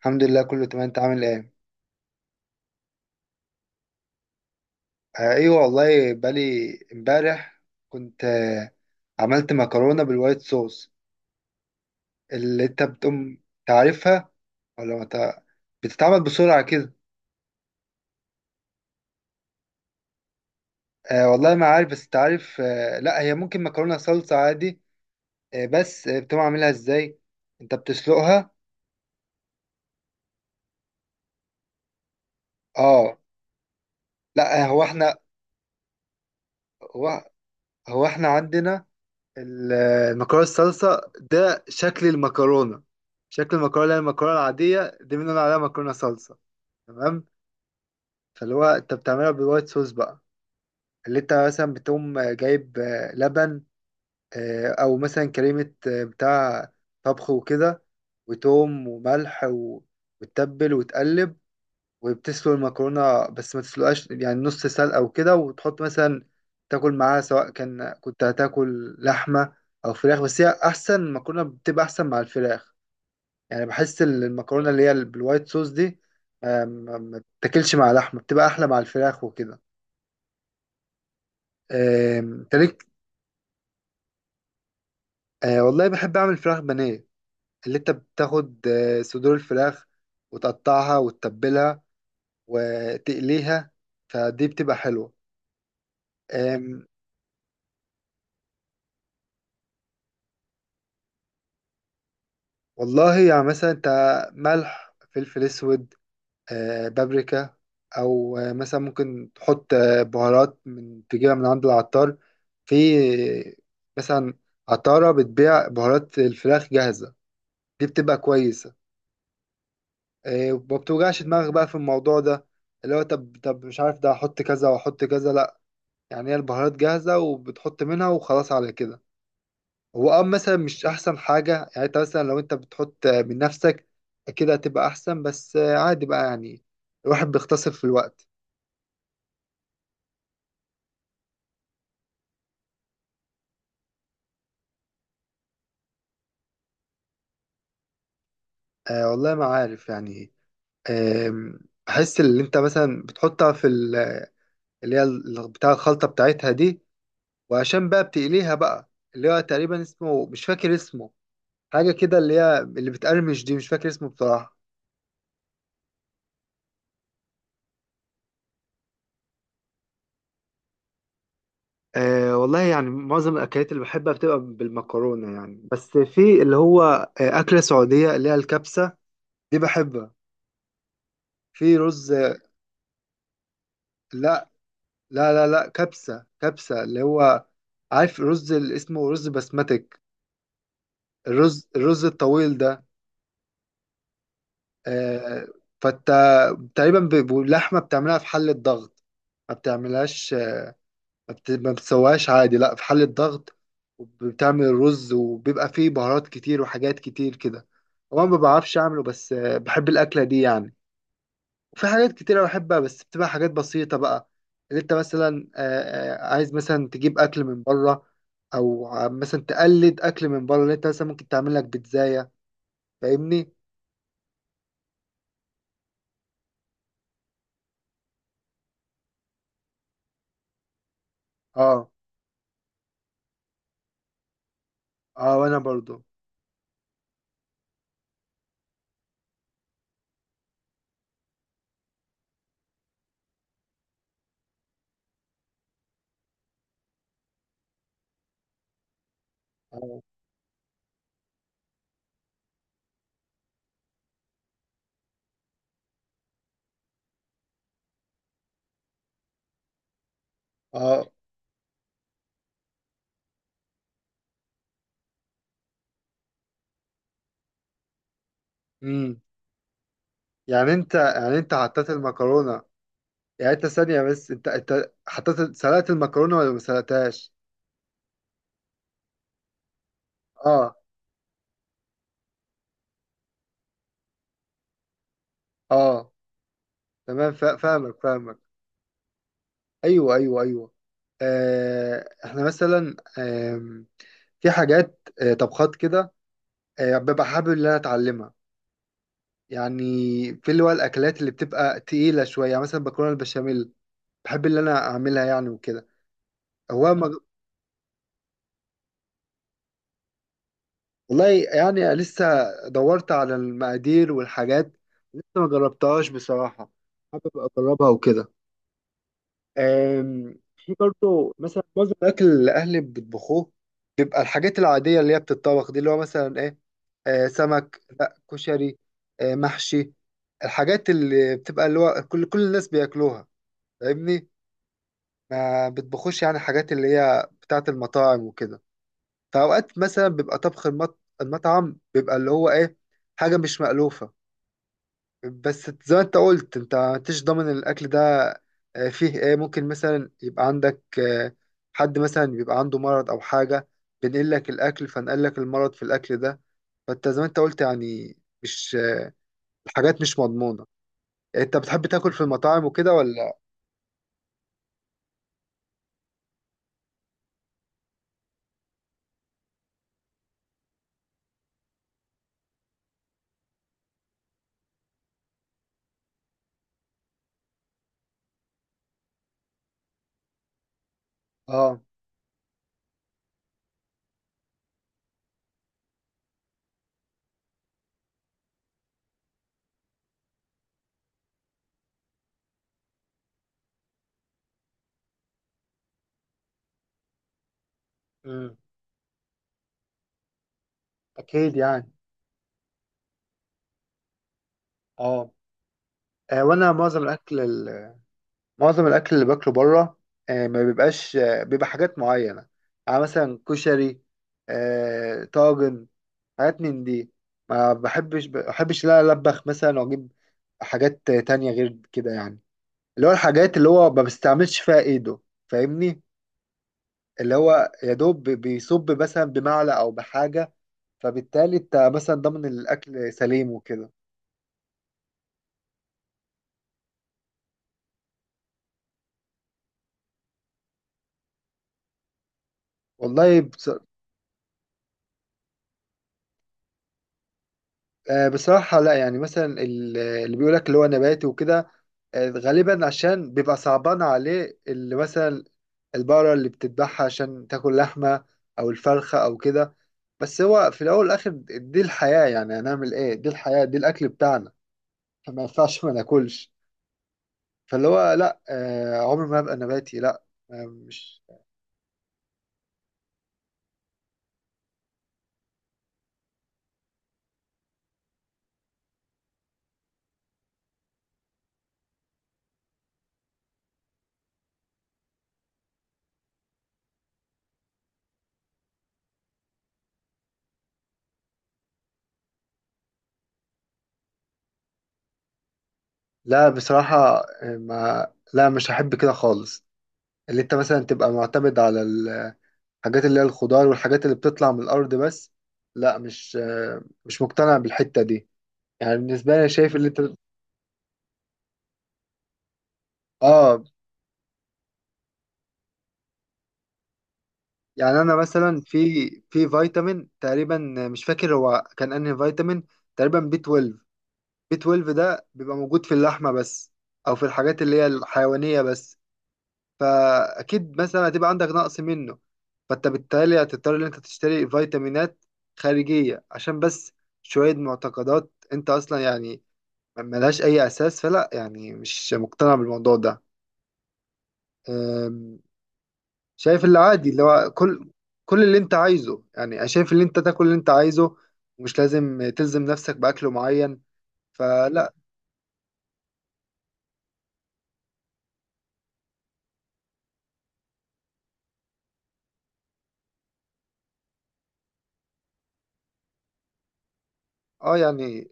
الحمد لله، كله تمام. انت عامل ايه؟ آه، ايوه والله، بالي امبارح كنت عملت مكرونه بالوايت صوص اللي انت بتقوم تعرفها، ولا ما تع- بتتعمل بسرعه كده؟ آه والله ما عارف، بس تعرف، لا هي ممكن مكرونه صلصه عادي. آه بس بتقوم عاملها ازاي؟ انت بتسلقها؟ اه لا، هو احنا، هو, هو احنا عندنا المكرونه الصلصه ده شكل المكرونه اللي هي المكرونه العاديه دي بنقول عليها مكرونه صلصه. تمام؟ فاللي هو انت بتعملها بالوايت صوص بقى، اللي انت مثلا بتقوم جايب لبن، او مثلا كريمه، بتاع طبخ وكده، وتوم وملح وتتبل وتقلب، وبتسلق المكرونة، بس ما تسلقهاش يعني، نص سلقة أو كده، وتحط مثلا تاكل معاها، سواء كان كنت هتاكل لحمة أو فراخ. بس هي أحسن، المكرونة بتبقى أحسن مع الفراخ. يعني بحس المكرونة اللي هي بالوايت صوص دي ما بتاكلش مع لحمة، بتبقى أحلى مع الفراخ وكده. تالت. آه، والله بحب أعمل فراخ بانيه، اللي أنت بتاخد صدور الفراخ وتقطعها وتتبلها وتقليها. فدي بتبقى حلوة. والله يعني مثلا انت، ملح، فلفل اسود، بابريكا، او مثلا ممكن تحط بهارات من تجيبها من عند العطار. في آه، مثلا عطارة بتبيع بهارات الفراخ جاهزة، دي بتبقى كويسة. وما بتوجعش دماغك بقى في الموضوع ده، اللي هو طب طب مش عارف ده احط كذا واحط كذا، لا. يعني هي البهارات جاهزة وبتحط منها وخلاص على كده. هو مثلا مش احسن حاجة، يعني انت مثلا لو انت بتحط من نفسك كده هتبقى احسن، بس عادي بقى يعني، الواحد بيختصر في الوقت. آه والله ما عارف يعني. آم، احس اللي انت مثلا بتحطها في بتاع الخلطة بتاعتها دي، وعشان بقى بتقليها بقى، اللي هو تقريبا اسمه، مش فاكر اسمه، حاجة كده اللي هي اللي بتقرمش دي، مش فاكر اسمه بصراحة. أه والله يعني معظم الأكلات اللي بحبها بتبقى بالمكرونة يعني، بس في اللي هو أكلة سعودية اللي هي الكبسة، دي بحبها. في رز. لا، لا، لا، لا، كبسة كبسة، اللي هو عارف رز اللي اسمه رز بسمتك، الرز الطويل ده. آه، فانت تقريبا باللحمة بتعملها في حلة ضغط، ما بتعملهاش، ما بتسويهاش عادي، لا في حلة ضغط. وبتعمل الرز وبيبقى فيه بهارات كتير وحاجات كتير كده. هو أنا ما بعرفش اعمله، بس بحب الأكلة دي يعني. وفي حاجات كتيرة بحبها بس بتبقى حاجات بسيطة بقى، اللي انت مثلا عايز مثلا تجيب أكل من بره، أو مثلا تقلد أكل من بره، اللي انت مثلا ممكن تعمل لك بيتزاية. فاهمني؟ اه. اه وأنا برضو. اه. اه. امم يعني انت حطيت المكرونة، يعني انت ثانية، بس انت حطيت سلقت المكرونة ولا ما سلقتهاش؟ اه. اه تمام. فاهمك فاهمك. ايوه، ايوه، ايوه. آه احنا مثلا، في حاجات، طبخات كده، ببقى حابب ان انا اتعلمها يعني. في اللي هو الاكلات اللي بتبقى تقيله شويه، يعني مثلا مكرونه البشاميل بحب ان انا اعملها يعني وكده. هو ما... والله يعني لسه دورت على المقادير والحاجات، لسه ما جربتهاش بصراحه. حابب اجربها وكده. آم، في برضه مثلا معظم الاكل اللي اهلي بيطبخوه، بيبقى الحاجات العاديه اللي هي بتتطبخ دي، اللي هو مثلا ايه، سمك، لا كشري، محشي. الحاجات اللي بتبقى اللي هو كل الناس بياكلوها. فاهمني؟ ما بتبخوش يعني حاجات اللي هي بتاعه المطاعم وكده. فاوقات مثلا بيبقى طبخ المطعم، بيبقى اللي هو ايه، حاجه مش مألوفه. بس زي ما انت قلت، انت مش ضامن الاكل ده. فيه ايه، ممكن مثلا يبقى عندك حد مثلا بيبقى عنده مرض او حاجه، بينقل لك الاكل، فنقل لك المرض في الاكل ده. فانت زي ما انت قلت يعني، مش، الحاجات مش مضمونه. انت بتحب تاكل في المطاعم وكده، ولا؟ اه. امم اكيد يعني. اه. وانا معظم الاكل، اللي باكله بره ما بيبقاش، بيبقى حاجات معينه، يعني مثلا كشري، طاجن، حاجات من دي. ما بحبش لا ألبخ مثلا وأجيب حاجات تانية غير كده، يعني اللي هو الحاجات اللي هو ما بستعملش فيها إيده. فاهمني؟ اللي هو يا دوب بيصب مثلا بمعلقة أو بحاجة، فبالتالي أنت مثلا ضامن الأكل سليم وكده. والله بصراحة لا، يعني مثلا اللي بيقولك اللي هو نباتي وكده، غالبا عشان بيبقى صعبان عليه اللي مثلا البقرة اللي بتذبحها عشان تاكل لحمة، أو الفرخة أو كده. بس هو في الاول والاخر دي الحياه، يعني هنعمل ايه، دي الحياه، دي الاكل بتاعنا، فما ينفعش ما ناكلش. فاللي هو لا، عمري ما هبقى نباتي. لا، مش. لا بصراحه. ما، لا، مش هحب كده خالص، اللي انت مثلا تبقى معتمد على الحاجات اللي هي الخضار والحاجات اللي بتطلع من الارض بس. لا، مش مقتنع بالحته دي. يعني بالنسبه لي شايف اللي انت. اه، يعني انا مثلا في فيتامين تقريبا، مش فاكر هو كان انهي فيتامين، تقريبا بي 12. بي 12 ده بيبقى موجود في اللحمة بس، أو في الحاجات اللي هي الحيوانية بس. فأكيد مثلا هتبقى عندك نقص منه، فأنت بالتالي هتضطر إن أنت تشتري فيتامينات خارجية عشان بس شوية معتقدات أنت أصلا يعني ملهاش أي أساس. فلا، يعني مش مقتنع بالموضوع ده. أم، شايف اللي عادي، اللي هو كل اللي أنت عايزه، يعني أنا شايف اللي أنت تاكل اللي أنت عايزه، ومش لازم تلزم نفسك بأكل معين. فلا. اه يعني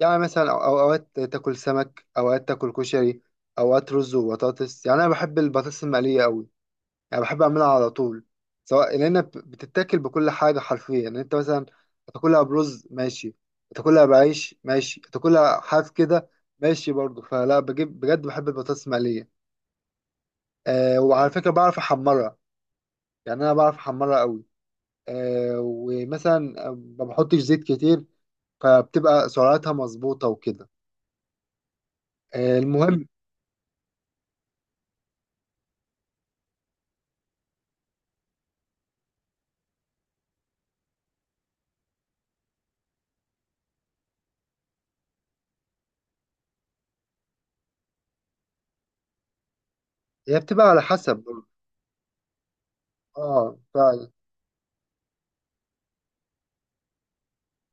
يعني مثلا اوقات تاكل سمك، اوقات تاكل كشري، اوقات رز وبطاطس. يعني انا بحب البطاطس المقليه قوي، يعني بحب اعملها على طول، سواء لان بتتاكل بكل حاجه حرفيا. يعني انت مثلا تاكلها برز، ماشي. تاكلها بعيش، ماشي. تاكلها حاف كده، ماشي برضه. فلا، بجيب بجد، بحب البطاطس المقليه. أه وعلى فكره بعرف احمرها، يعني انا بعرف احمرها قوي. أه ومثلا ما بحطش زيت كتير، فبتبقى سعراتها مظبوطه وكده. المهم، هي بتبقى على حسب برضه. اه فعلا.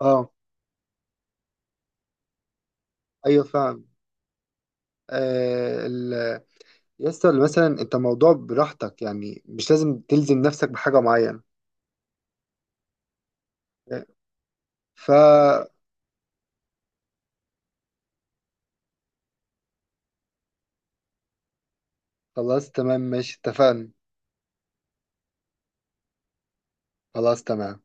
اه، ايوه فعلا. آه ال... يسطا مثلا انت موضوع براحتك، يعني مش لازم تلزم نفسك بحاجة معينة. ف خلاص تمام، ماشي، اتفقنا. خلاص تمام.